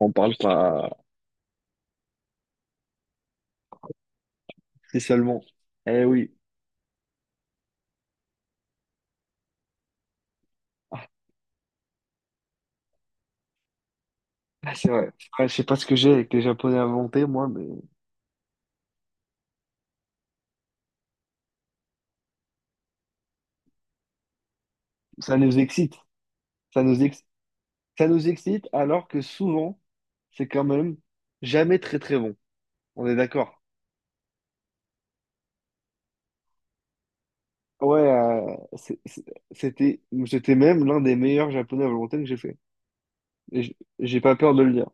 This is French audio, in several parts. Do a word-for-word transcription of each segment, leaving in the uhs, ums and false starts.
On parle pas si seulement. Eh oui, ah, c'est vrai. C'est vrai, je sais pas ce que j'ai avec les Japonais inventés, moi, mais ça nous excite. Ça nous ex- Ça nous excite alors que souvent, c'est quand même jamais très très bon. On est d'accord. Ouais, euh, c'est- c'est- c'était c'était même l'un des meilleurs Japonais à volonté que j'ai fait. Et j'- j'ai pas peur de le dire.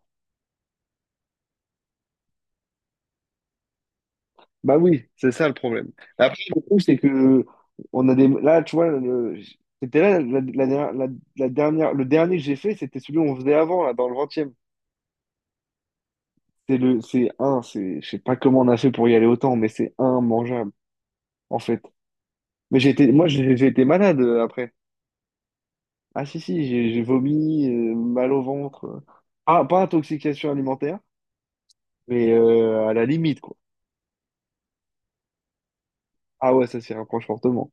Bah oui, c'est ça le problème. Après, le truc, c'est que on a des. Là, tu vois, le- c'était là la, la dernière, la- la dernière, le dernier que j'ai fait, c'était celui qu'on faisait avant, là, dans le vingtième. C'est le, c'est un, c'est, je sais pas comment on a fait pour y aller autant, mais c'est immangeable, en fait. Mais j'ai été, moi, j'ai j'ai été malade euh, après. Ah si, si, j'ai j'ai vomi, euh, mal au ventre. euh. Ah, pas intoxication alimentaire, mais euh, à la limite, quoi. Ah ouais, ça s'y rapproche fortement.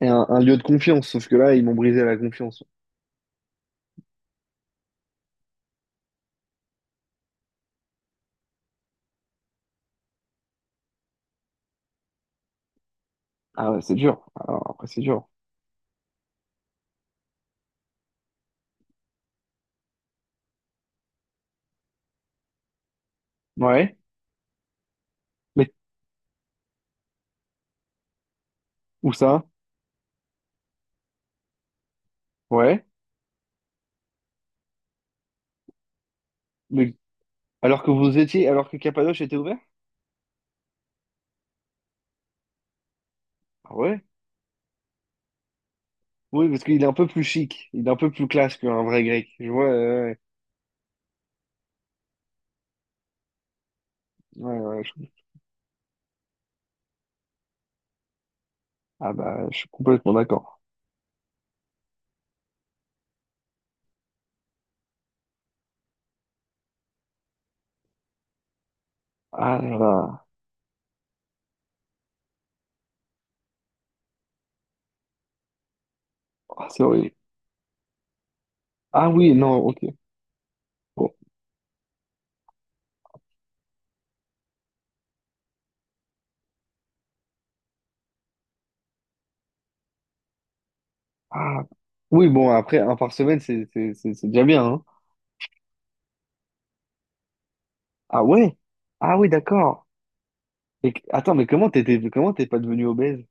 Et un, un lieu de confiance, sauf que là, ils m'ont brisé la confiance. Ah ouais, c'est dur. Alors, après, c'est dur. Ouais. Mais où ça? Ouais. Mais alors que vous étiez, alors que Cappadoce était ouvert? Ah ouais. Oui, parce qu'il est un peu plus chic, il est un peu plus classe qu'un vrai grec. Je vois, euh, ouais. Ouais, ouais, je... Ah bah, je suis complètement d'accord. Ah là là. Ah, c'est horrible. Ah oui, non, ok. Bon. Ah. Oui, bon, après, un par semaine, c'est c'est- c'est- c'est déjà bien, hein. Ah ouais? Ah oui, d'accord. Et que- attends, mais comment t'étais, comment t'es pas devenu obèse?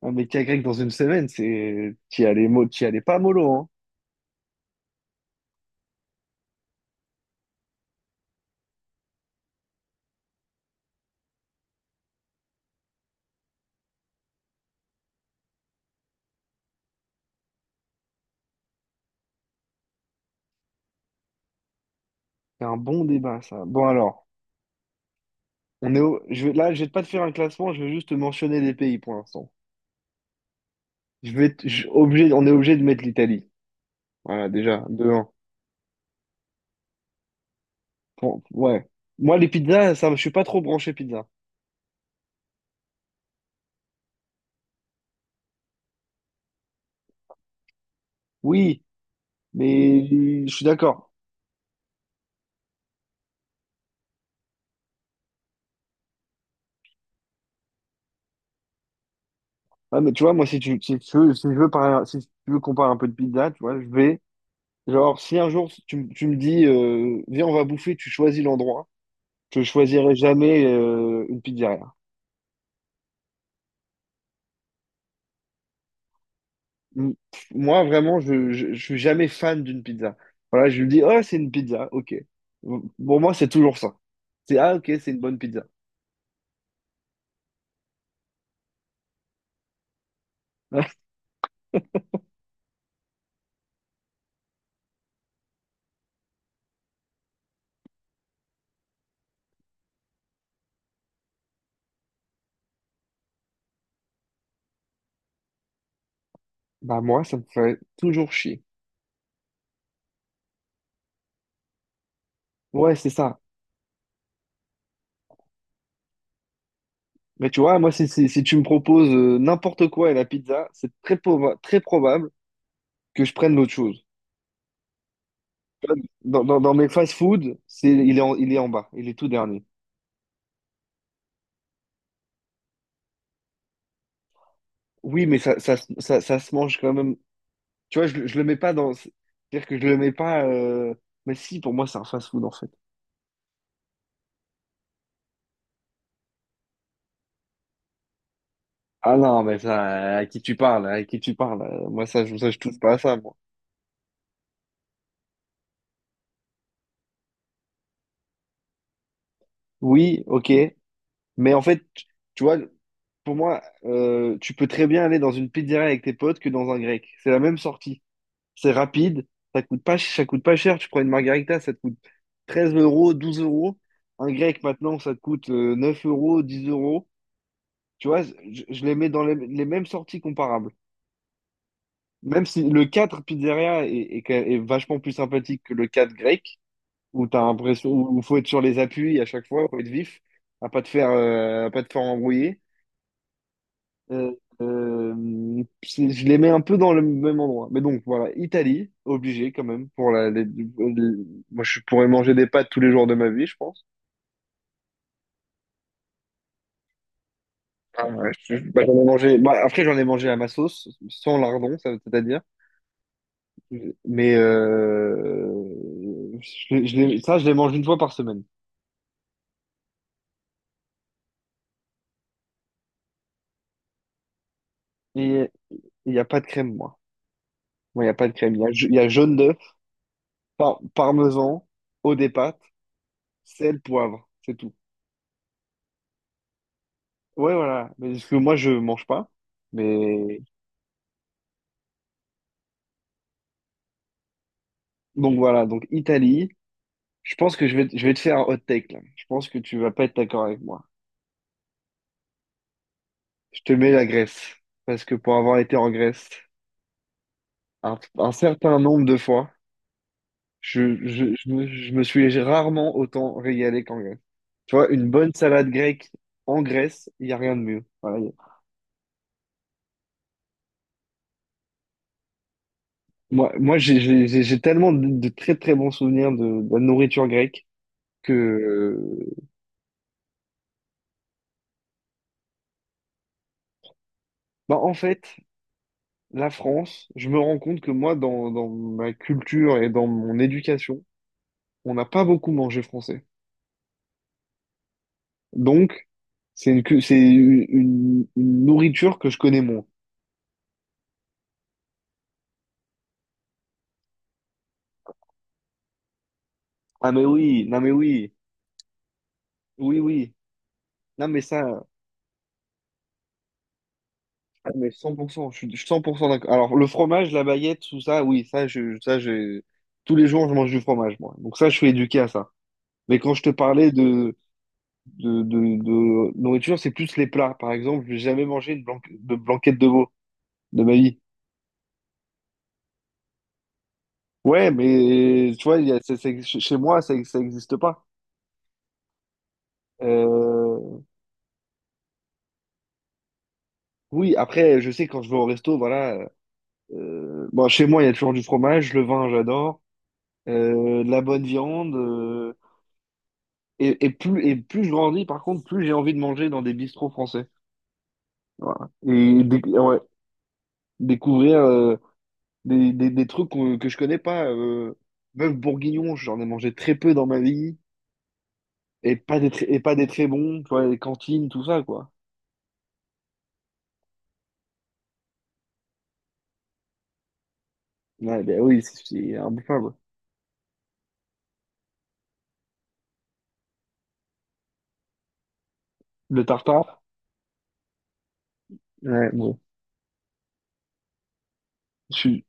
Un mec à grec dans une semaine, c'est... T'y allais, mo- t'y allais pas mollo, hein. C'est un bon débat, ça. Bon, alors, on est au- je vais... là, je vais pas te faire un classement, je vais juste te mentionner les pays pour l'instant. Je vais te- je- Obligé... On est obligé de mettre l'Italie. Voilà, déjà, deux un. Bon, ouais. Moi, les pizzas, ça, me- je suis pas trop branché pizza. Oui, mais je suis d'accord. Ouais, mais tu vois, moi, si tu, si tu veux, si je veux parler- si tu veux qu'on parle un peu de pizza, tu vois, je vais. Genre, si un jour tu, m- tu me dis, euh, viens, on va bouffer, tu choisis l'endroit, je choisirai jamais euh, une pizzeria. m- Moi, vraiment, je, je, je suis jamais fan d'une pizza. Voilà, je me dis, oh, c'est une pizza, ok. Pour moi, c'est toujours ça. C'est, ah, ok, c'est une bonne pizza. Bah, moi, ça me fait toujours chier. Ouais, c'est ça. Mais tu vois, moi, si, si, si tu me proposes euh, n'importe quoi et la pizza, c'est très, proba- très probable que je prenne l'autre chose. Dans, dans, dans mes fast-food, c'est, il est en, il est en bas, il est tout dernier. Oui, mais ça, ça, se- ça, ça se mange quand même. Tu vois, je, le- je le mets pas dans. C'est-à-dire que je le mets pas. euh, Mais si, pour moi, c'est un fast-food, en fait. Ah non, mais ça, à qui tu parles, à qui tu parles. euh, Moi, ça, je, ça, je touche pas à ça, moi. Oui, ok. Mais en fait, tu tu vois, pour moi, euh, tu peux très bien aller dans une pizzeria avec tes potes que dans un grec. C'est la même sortie. C'est rapide, ça coûte pas, ça coûte pas cher. Tu prends une margarita, ça te coûte treize euros, douze euros. Un grec, maintenant, ça te coûte euh, neuf euros, dix euros. Tu vois, je, je les mets dans les, les mêmes sorties comparables. Même si le quatre pizzeria est, est quand même- est vachement plus sympathique que le quatre grec, où t'as l'impression où où faut être sur les appuis à chaque fois, faut être vif, à pas te faire euh, à pas te faire embrouiller. Euh, euh, c'est- je les mets un peu dans le même endroit. Mais donc voilà, Italie, obligé quand même pour la. Les- les- moi, je pourrais manger des pâtes tous les jours de ma vie, je pense. Ah ouais, je- bah, j'en ai mangé. Bah, après, j'en ai mangé à ma sauce, sans lardon, ça- c'est-à-dire. Mais euh, je, je l'ai- ça, je les mange une fois par semaine. Et il n'y a pas de crème, moi. Moi, il n'y a pas de crème. Il y a, il y a jaune d'œuf. Par parmesan, eau des pâtes, sel, poivre, c'est tout. Ouais, voilà. Mais parce que moi, je mange pas. Mais donc voilà, donc Italie. Je pense que je vais, je vais te faire un hot take là. Je pense que tu vas pas être d'accord avec moi. Je te mets la Grèce. Parce que pour avoir été en Grèce un, un certain nombre de fois, je, je, je me, je me suis rarement autant régalé qu'en Grèce. Tu vois, une bonne salade grecque en Grèce, il n'y a rien de mieux. Voilà. Moi, moi j'ai j'ai- j'ai- j'ai tellement de, de très très bons souvenirs de, de la nourriture grecque. Que, bah, en fait, la France, je me rends compte que moi, dans, dans ma culture et dans mon éducation, on n'a pas beaucoup mangé français. Donc, c'est une, cu- c'est une, une- une nourriture que je connais moins. Ah, mais oui, non, mais oui, oui, oui. Non, mais ça, ah, mais cent pour cent je suis je suis cent pour cent d'accord. Alors, le fromage, la baguette, tout ça, oui, ça, je, ça, je, tous les jours, je mange du fromage, moi. Donc, ça, je suis éduqué à ça. Mais quand je te parlais de, de, de, de nourriture, c'est plus les plats. Par exemple, j'ai jamais mangé une blanque- de blanquette de veau de ma vie. Ouais, mais tu vois, il y a- c'est- c'est- chez chez moi, ça n'existe pas. Euh, oui, après, je sais quand je vais au resto, voilà. Euh, bon, chez moi, il y a toujours du fromage, le vin, j'adore, euh, de la bonne viande. Euh, et, et plus et plus je grandis, par contre, plus j'ai envie de manger dans des bistrots français. Voilà. Et déc- ouais, découvrir. euh, Des, des, des trucs qu'on- que je connais pas. Euh, bœuf bourguignon, j'en ai mangé très peu dans ma vie. Et pas des, tr- et pas des très bons, tu vois, les cantines, tout ça, quoi. Ouais, ben oui, c'est c'est imbouffable. Le tartare, ouais, bon. Je suis,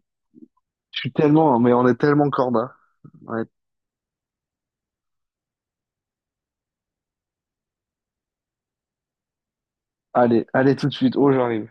je suis tellement, mais on est tellement corda. Ouais. Allez, allez tout de suite. Oh, j'arrive.